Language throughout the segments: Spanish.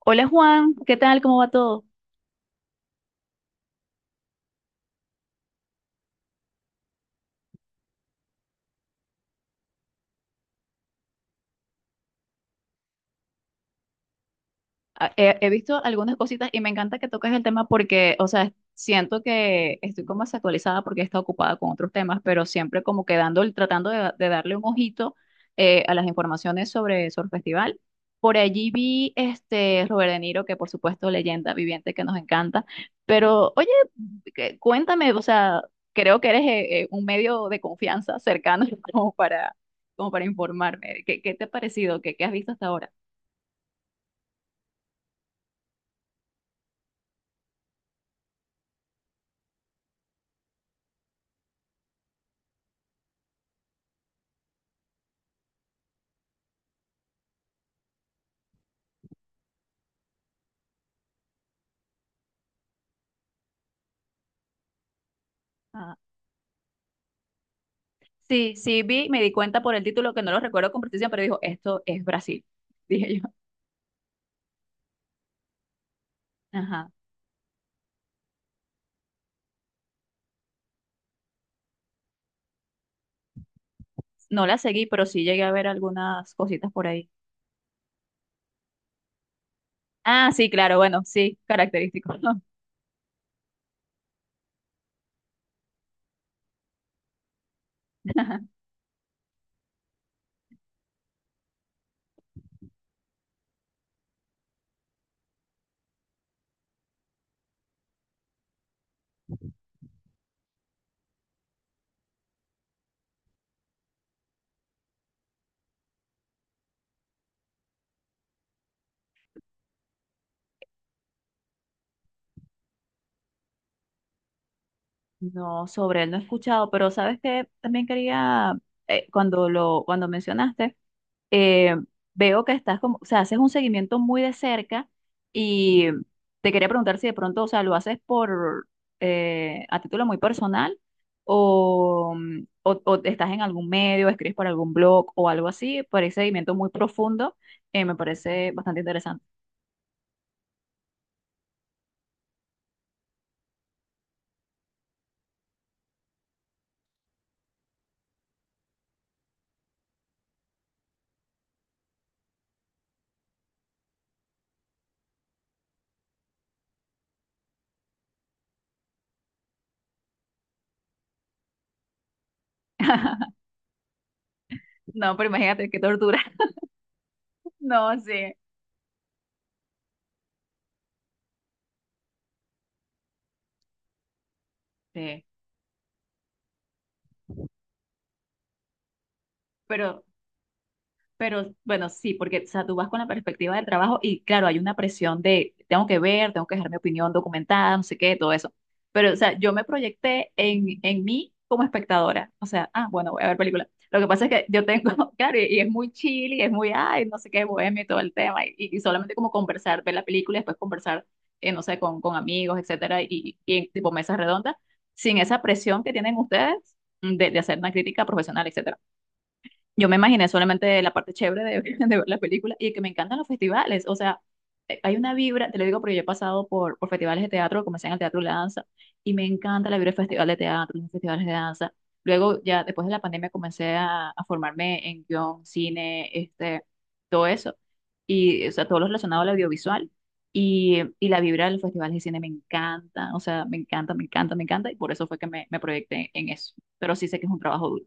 Hola Juan, ¿qué tal? ¿Cómo va todo? He visto algunas cositas y me encanta que toques el tema porque, o sea, siento que estoy como desactualizada porque he estado ocupada con otros temas, pero siempre como que tratando de darle un ojito a las informaciones sobre Surf Festival. Por allí vi este Robert De Niro, que por supuesto leyenda viviente que nos encanta, pero oye, cuéntame, o sea, creo que eres un medio de confianza cercano como para, como para informarme. ¿Qué, qué te ha parecido? ¿Qué, qué has visto hasta ahora? Sí, sí vi, me di cuenta por el título que no lo recuerdo con precisión, pero dijo, esto es Brasil, dije yo. Ajá. No la seguí, pero sí llegué a ver algunas cositas por ahí. Ah, sí, claro, bueno, sí, característico. No, sobre él no he escuchado, pero sabes que también quería, cuando lo, cuando mencionaste, eh, veo que estás como, o sea, haces un seguimiento muy de cerca y te quería preguntar si de pronto, o sea, lo haces por, a título muy personal o, o estás en algún medio, escribes para algún blog o algo así, por ese seguimiento muy profundo. Eh, me parece bastante interesante. No, pero imagínate qué tortura. No, sí, sí, pero... Pero bueno, sí, porque o sea, tú vas con la perspectiva del trabajo y claro, hay una presión de tengo que ver, tengo que dejar mi opinión documentada, no sé qué, todo eso. Pero, o sea, yo me proyecté en mí como espectadora. O sea, ah, bueno, voy a ver película. Lo que pasa es que yo tengo, claro, y es muy chill y es muy, ay, no sé qué, bohemio y todo el tema. Y solamente como conversar, ver la película y después conversar, no sé, con amigos, etcétera, y en tipo mesas redondas, sin esa presión que tienen ustedes de hacer una crítica profesional, etcétera. Yo me imaginé solamente la parte chévere de, de ver la película y que me encantan los festivales. O sea, hay una vibra, te lo digo porque yo he pasado por festivales de teatro, comencé en el teatro de la danza y me encanta la vibra del festival de teatro, los festivales de danza. Luego, ya después de la pandemia, comencé a formarme en guión, cine, este, todo eso. Y, o sea, todo lo relacionado al audiovisual. Y la vibra de los festivales de cine me encanta, o sea, me encanta, me encanta, me encanta, y por eso fue que me proyecté en eso. Pero sí sé que es un trabajo duro.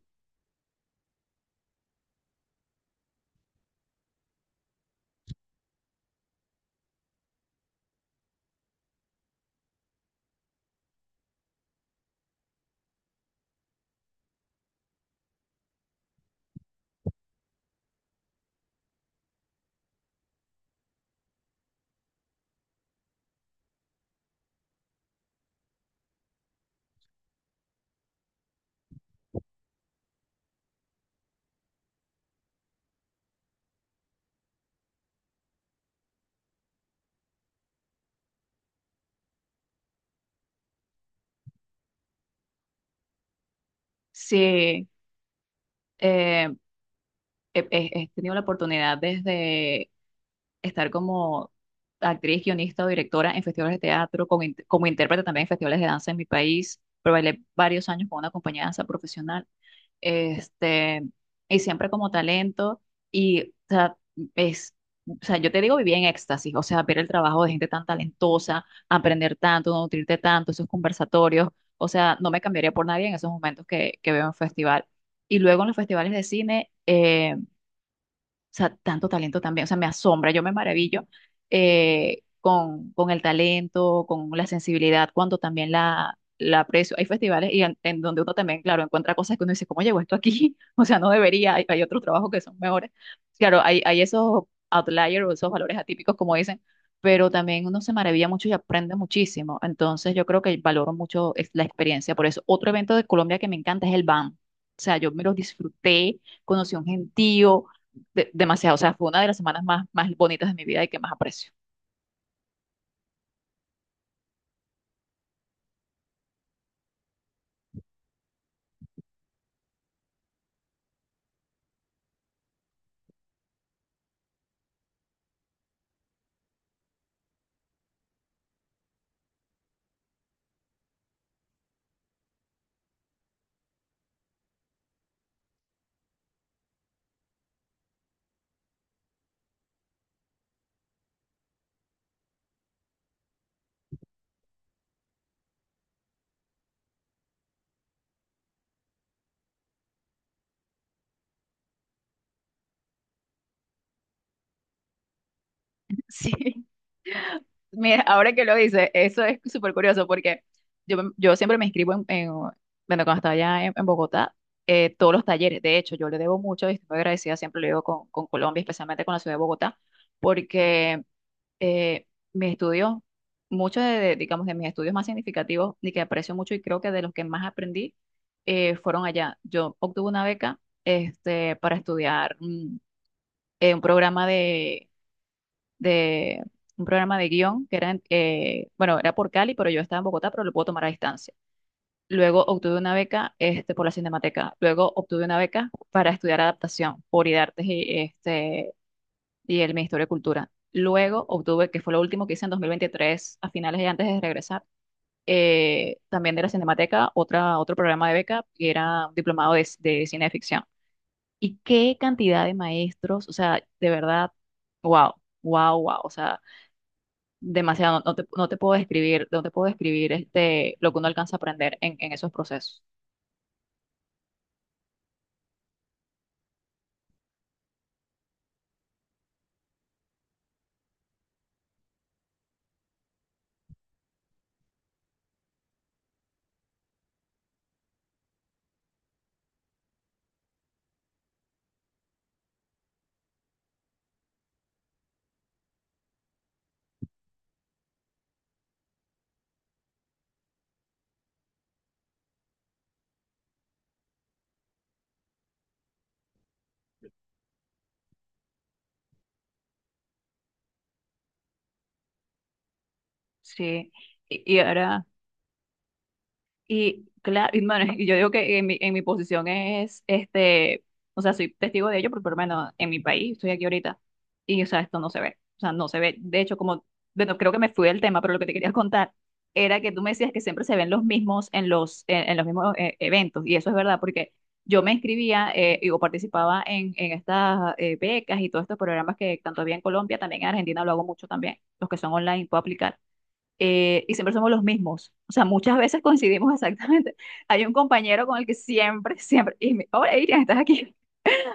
Sí, eh, he tenido la oportunidad desde estar como actriz, guionista o directora en festivales de teatro, como, como intérprete también en festivales de danza en mi país, pero bailé varios años con una compañía de danza profesional, este, y siempre como talento, y o sea, es, o sea, yo te digo, viví en éxtasis, o sea, ver el trabajo de gente tan talentosa, aprender tanto, no nutrirte tanto, esos conversatorios, o sea, no me cambiaría por nadie en esos momentos que veo en festival. Y luego en los festivales de cine, o sea, tanto talento también, o sea, me asombra, yo me maravillo con el talento, con la sensibilidad, cuando también la aprecio. Hay festivales y en donde uno también, claro, encuentra cosas que uno dice, ¿cómo llegó esto aquí? O sea, no debería, hay otros trabajos que son mejores. Claro, hay esos outliers o esos valores atípicos, como dicen, pero también uno se maravilla mucho y aprende muchísimo. Entonces, yo creo que valoro mucho es la experiencia. Por eso, otro evento de Colombia que me encanta es el BAM. O sea, yo me los disfruté, conocí a un gentío, demasiado. O sea, fue una de las semanas más, más bonitas de mi vida y que más aprecio. Sí, mira, ahora que lo dices, eso es súper curioso porque yo, yo siempre me inscribo en, bueno, cuando estaba allá en Bogotá, todos los talleres. De hecho, yo le debo mucho y estoy agradecida, siempre lo digo con Colombia, especialmente con la ciudad de Bogotá, porque eh, mis estudios, muchos de, digamos, de mis estudios más significativos y que aprecio mucho y creo que de los que más aprendí fueron allá. Yo obtuve una beca este, para estudiar. Un programa de, de- un programa de guión que era, bueno, era por Cali, pero yo estaba en Bogotá, pero lo puedo tomar a distancia. Luego obtuve una beca este, por la Cinemateca. Luego obtuve una beca para estudiar adaptación por IDARTES y, este, y el Ministerio de Cultura. Luego obtuve, que fue lo último que hice en 2023, a finales y antes de regresar, también de la Cinemateca, otra, otro programa de beca, que era un diplomado de cineficción y qué cantidad de maestros, o sea, de verdad, wow, wow, wow, o sea, demasiado, no, no te, no te puedo describir, no te puedo describir este, lo que uno alcanza a aprender en esos procesos. Sí, y ahora... Y claro, y, bueno, y yo digo que en mi posición es, este, o sea, soy testigo de ello, pero por lo menos en mi país, estoy aquí ahorita, y o sea, esto no se ve, o sea, no se ve. De hecho, como, bueno, creo que me fui del tema, pero lo que te quería contar era que tú me decías que siempre se ven los mismos en los mismos eventos, y eso es verdad, porque yo me inscribía y, o participaba en estas becas y todos estos programas que tanto había en Colombia, también en Argentina lo hago mucho también, los que son online, puedo aplicar. Eh, y siempre somos los mismos. O sea, muchas veces coincidimos exactamente. Hay un compañero con el que siempre, siempre, y me, hola Irian, estás aquí.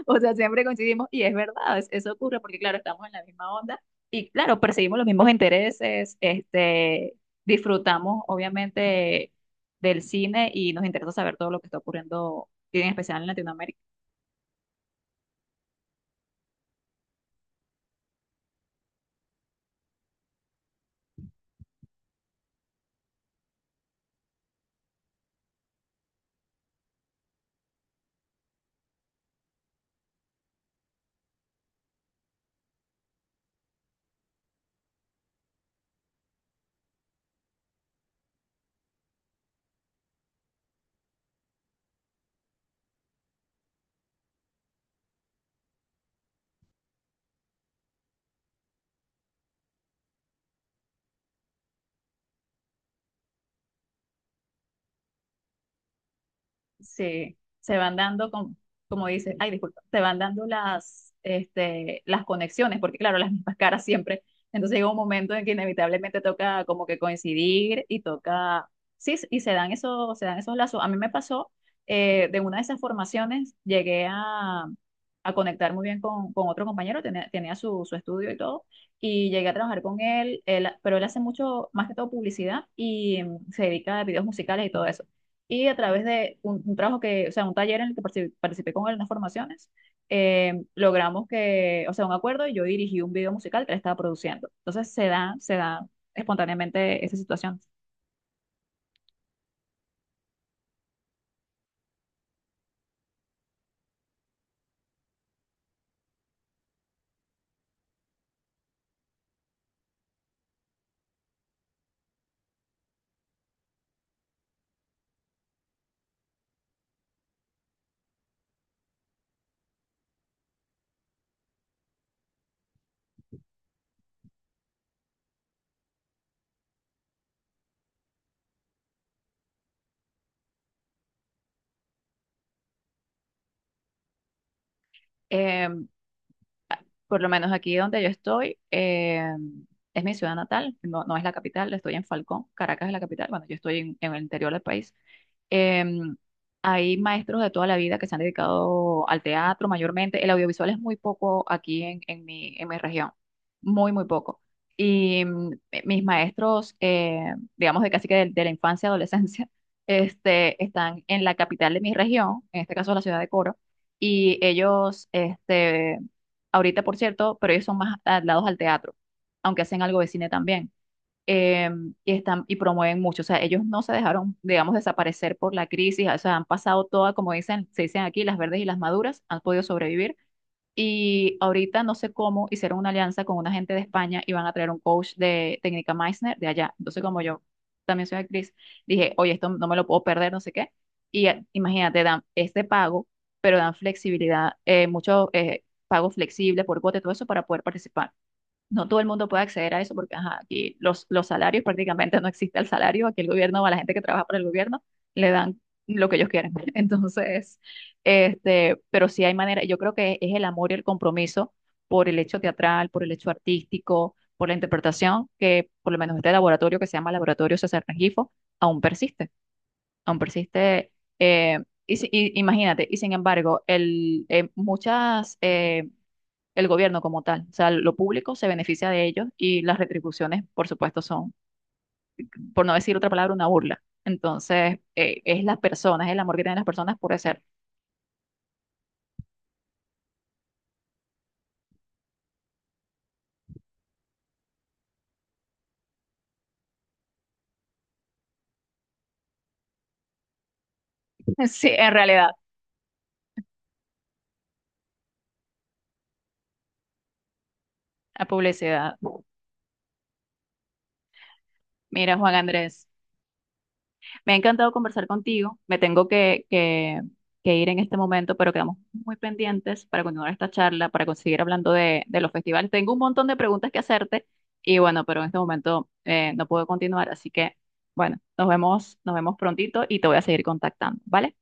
O sea, siempre coincidimos y es verdad, eso ocurre porque, claro, estamos en la misma onda y, claro, perseguimos los mismos intereses, este, disfrutamos, obviamente, del cine y nos interesa saber todo lo que está ocurriendo, y en especial en Latinoamérica. Se, como dices, ay, disculpa, se van dando las, este, las conexiones, porque claro, las mismas caras siempre. Entonces llega un momento en que inevitablemente toca como que coincidir y toca, sí, y se dan esos lazos. A mí me pasó, de una de esas formaciones, llegué a conectar muy bien con otro compañero, tenía, tenía su, su estudio y todo. Y llegué a trabajar con él, pero él hace mucho, más que todo publicidad y se dedica a videos musicales y todo eso y a través de un trabajo que, o sea, un taller en el que participé, participé con él en las formaciones, logramos que, o sea, un acuerdo y yo dirigí un video musical que él estaba produciendo. Entonces se da espontáneamente esa situación. Eh, por lo menos aquí donde yo estoy, es mi ciudad natal, no, no es la capital, estoy en Falcón, Caracas es la capital, bueno, yo estoy en el interior del país. Em, hay maestros de toda la vida que se han dedicado al teatro mayormente. El audiovisual es muy poco aquí en mi región, muy, muy poco. Y mis maestros, digamos de casi que de la infancia, adolescencia, este, están en la capital de mi región, en este caso la ciudad de Coro, y ellos, este, ahorita por cierto, pero ellos son más adaptados al teatro, aunque hacen algo de cine también. Eh, y están y promueven mucho. O sea, ellos no se dejaron, digamos, desaparecer por la crisis. O sea, han pasado todas, como dicen, se dicen aquí, las verdes y las maduras, han podido sobrevivir. Y ahorita no sé cómo hicieron una alianza con una gente de España y van a traer un coach de técnica Meissner de allá. Entonces, como yo también soy actriz, dije, oye, esto no me lo puedo perder, no sé qué. Y imagínate, dan este pago, pero dan flexibilidad, mucho pago flexible por cuota y todo eso para poder participar. No todo el mundo puede acceder a eso porque ajá, aquí los salarios prácticamente no existe el salario, aquí el gobierno a la gente que trabaja para el gobierno le dan lo que ellos quieren. Entonces, este, pero sí hay manera, yo creo que es el amor y el compromiso por el hecho teatral, por el hecho artístico, por la interpretación, que por lo menos este laboratorio que se llama Laboratorio César Rengifo, aún persiste, aún persiste. Eh, y, imagínate, y sin embargo, el, muchas... el gobierno como tal. O sea, lo público se beneficia de ellos y las retribuciones, por supuesto, son, por no decir otra palabra, una burla. Entonces, es las personas, el amor que tienen las personas por hacer, sí, en realidad, la publicidad. Mira, Juan Andrés, me ha encantado conversar contigo. Me tengo que ir en este momento, pero quedamos muy pendientes para continuar esta charla, para seguir hablando de los festivales. Tengo un montón de preguntas que hacerte y bueno, pero en este momento no puedo continuar, así que bueno, nos vemos prontito y te voy a seguir contactando, ¿vale?